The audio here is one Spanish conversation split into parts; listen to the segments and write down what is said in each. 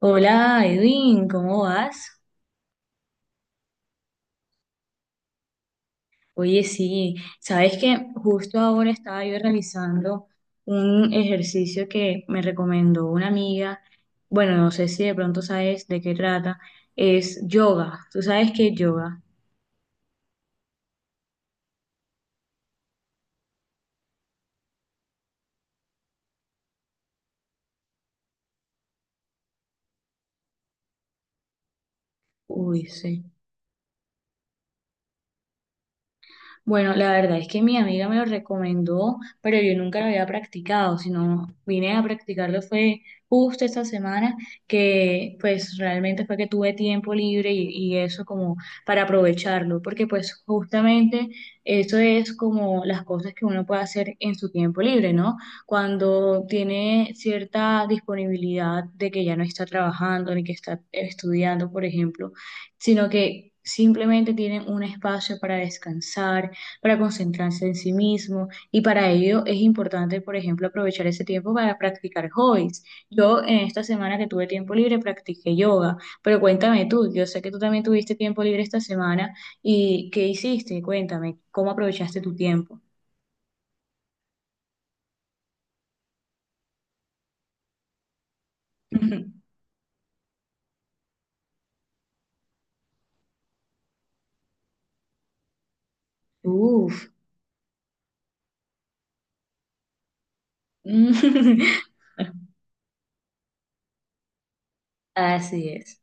Hola Edwin, ¿cómo vas? Oye, sí, sabes que justo ahora estaba yo realizando un ejercicio que me recomendó una amiga. Bueno, no sé si de pronto sabes de qué trata. Es yoga. ¿Tú sabes qué es yoga? Uy, sí. Bueno, la verdad es que mi amiga me lo recomendó, pero yo nunca lo había practicado, sino vine a practicarlo fue justo esta semana, que pues realmente fue que tuve tiempo libre y eso como para aprovecharlo, porque pues justamente eso es como las cosas que uno puede hacer en su tiempo libre, ¿no? Cuando tiene cierta disponibilidad de que ya no está trabajando ni que está estudiando, por ejemplo, sino que... Simplemente tienen un espacio para descansar, para concentrarse en sí mismo y para ello es importante, por ejemplo, aprovechar ese tiempo para practicar hobbies. Yo en esta semana que tuve tiempo libre practiqué yoga, pero cuéntame tú, yo sé que tú también tuviste tiempo libre esta semana y ¿qué hiciste? Cuéntame, ¿cómo aprovechaste tu tiempo? Uf. Así es.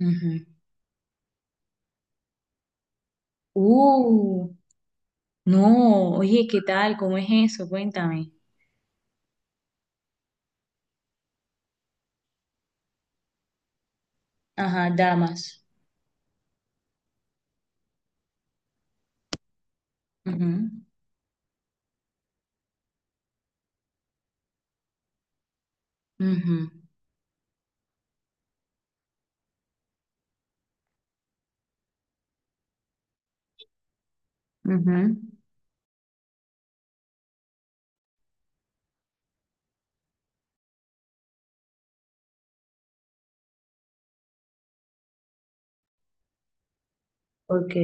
Ujú. Uh, no, oye, ¿qué tal? ¿Cómo es eso? Cuéntame. Ajá, damas. Ujú, ujú, ujú. Ok.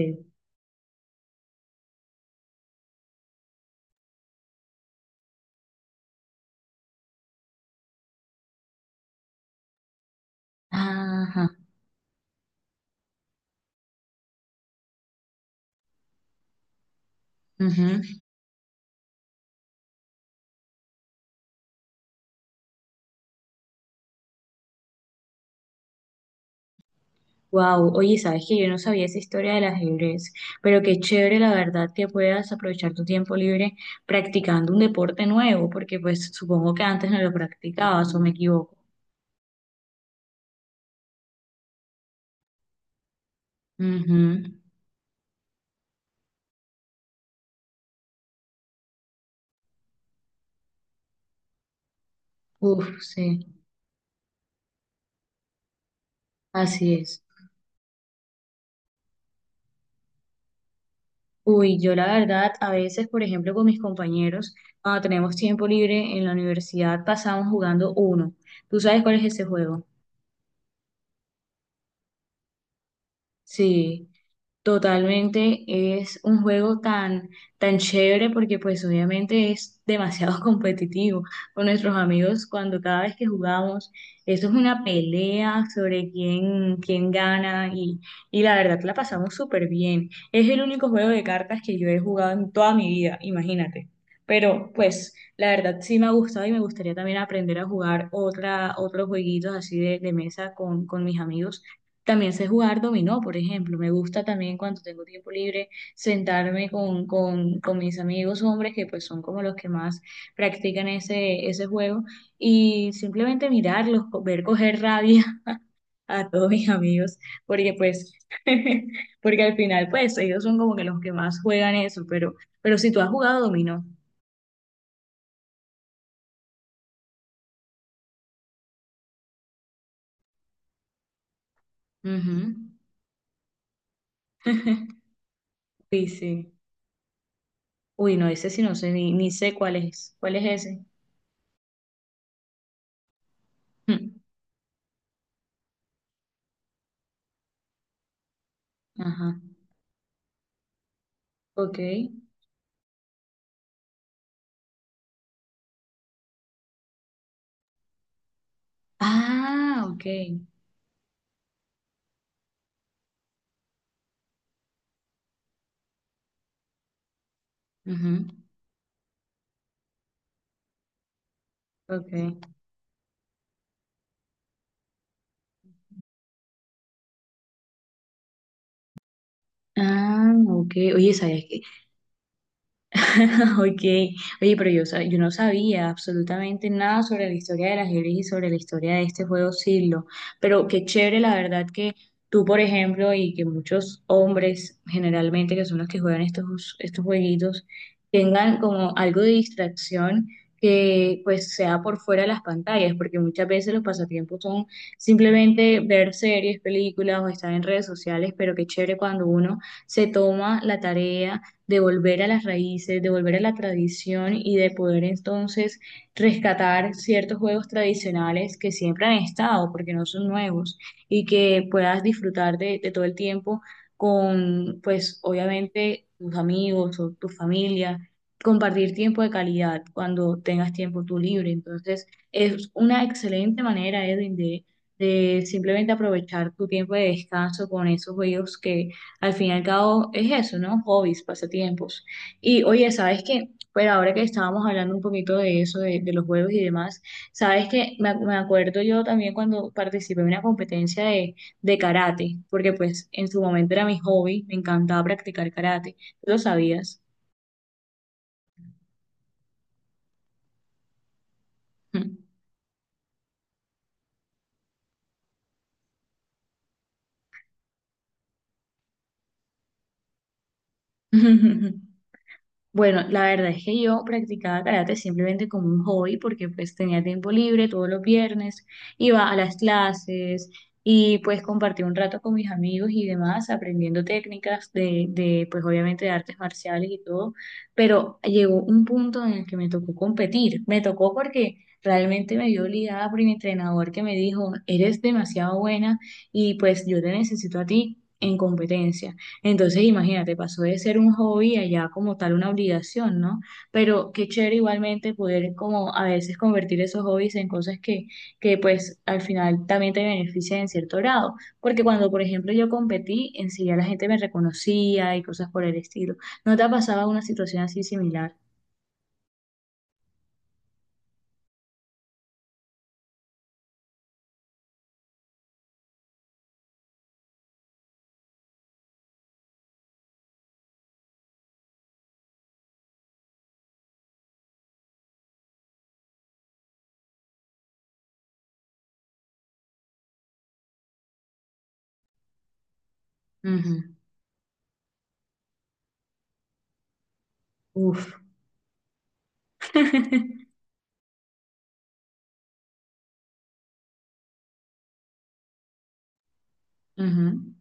Ajá. Wow, oye, sabes que yo no sabía esa historia del ajedrez, pero qué chévere la verdad que puedas aprovechar tu tiempo libre practicando un deporte nuevo, porque pues supongo que antes no lo practicabas o me equivoco. Ujú. Uf, sí, así es. Uy, yo la verdad, a veces, por ejemplo, con mis compañeros, cuando tenemos tiempo libre en la universidad, pasamos jugando uno. ¿Tú sabes cuál es ese juego? Sí. Totalmente, es un juego tan, tan chévere porque pues obviamente es demasiado competitivo con nuestros amigos cuando cada vez que jugamos, eso es una pelea sobre quién, quién gana y la verdad la pasamos súper bien. Es el único juego de cartas que yo he jugado en toda mi vida, imagínate. Pero pues la verdad sí me ha gustado y me gustaría también aprender a jugar otra, otros jueguitos así de mesa con mis amigos también sé jugar dominó, por ejemplo. Me gusta también cuando tengo tiempo libre sentarme con, con mis amigos hombres, que pues son como los que más practican ese, ese juego, y simplemente mirarlos, ver coger rabia a todos mis amigos, porque pues, porque al final pues ellos son como que los que más juegan eso, pero si tú has jugado dominó. Ujú. Sí, sí. Uy, no, ese sí no sé, ni, ni sé cuál es. ¿Cuál es ese? Ajá. Ok. Ah, ok. Ujú. Ok. Ah, ok. Oye, ¿sabes? Ok, oye, pero yo, yo no sabía absolutamente nada sobre la historia del ajedrez y sobre la historia de este juego siglo, pero qué chévere la verdad que tú, por ejemplo, y que muchos hombres generalmente, que son los que juegan estos, estos jueguitos, tengan como algo de distracción que pues sea por fuera de las pantallas, porque muchas veces los pasatiempos son simplemente ver series, películas o estar en redes sociales, pero qué chévere cuando uno se toma la tarea de volver a las raíces, de volver a la tradición y de poder entonces rescatar ciertos juegos tradicionales que siempre han estado, porque no son nuevos, y que puedas disfrutar de todo el tiempo con, pues obviamente, tus amigos o tu familia, compartir tiempo de calidad cuando tengas tiempo tú libre. Entonces, es una excelente manera, Edwin, de simplemente aprovechar tu tiempo de descanso con esos juegos que al fin y al cabo es eso, ¿no? Hobbies, pasatiempos. Y oye, ¿sabes qué? Pero ahora que estábamos hablando un poquito de eso, de los juegos y demás, ¿sabes qué? Me acuerdo yo también cuando participé en una competencia de karate, porque pues en su momento era mi hobby, me encantaba practicar karate. ¿Tú lo sabías? Bueno, la verdad es que yo practicaba karate simplemente como un hobby porque pues tenía tiempo libre todos los viernes, iba a las clases y pues compartí un rato con mis amigos y demás aprendiendo técnicas de pues obviamente de artes marciales y todo, pero llegó un punto en el que me tocó competir, me tocó porque realmente me vio obligada por mi entrenador que me dijo, eres demasiado buena y pues yo te necesito a ti en competencia. Entonces, imagínate, pasó de ser un hobby a ya como tal una obligación, ¿no? Pero qué chévere igualmente poder como a veces convertir esos hobbies en cosas que pues al final también te benefician en cierto grado. Porque cuando, por ejemplo, yo competí, en sí ya la gente me reconocía y cosas por el estilo. ¿No te ha pasado una situación así similar? Ujú. Uf. Ujú.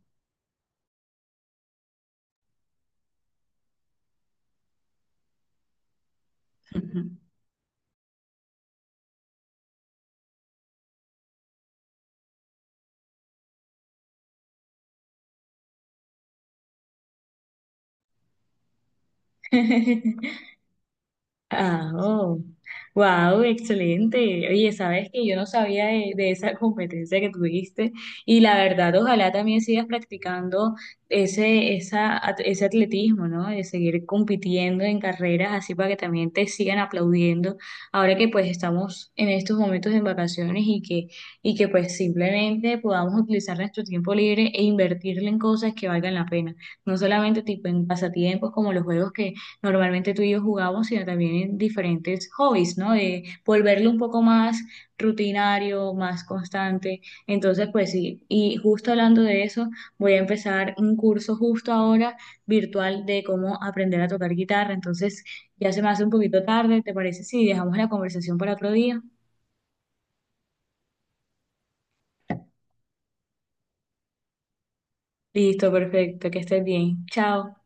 Ujú. Ah, oh, wow, excelente. Oye, sabes que yo no sabía de esa competencia que tuviste y la verdad, ojalá también sigas practicando ese, ese atletismo, ¿no? De seguir compitiendo en carreras así para que también te sigan aplaudiendo. Ahora que pues estamos en estos momentos en vacaciones y que pues simplemente podamos utilizar nuestro tiempo libre e invertirlo en cosas que valgan la pena. No solamente tipo en pasatiempos como los juegos que normalmente tú y yo jugamos, sino también en diferentes hobbies, ¿no? De volverlo un poco más rutinario, más constante. Entonces, pues sí, y justo hablando de eso, voy a empezar un curso justo ahora virtual de cómo aprender a tocar guitarra. Entonces, ya se me hace un poquito tarde, ¿te parece? Sí, dejamos la conversación para otro día. Listo, perfecto, que estés bien. Chao.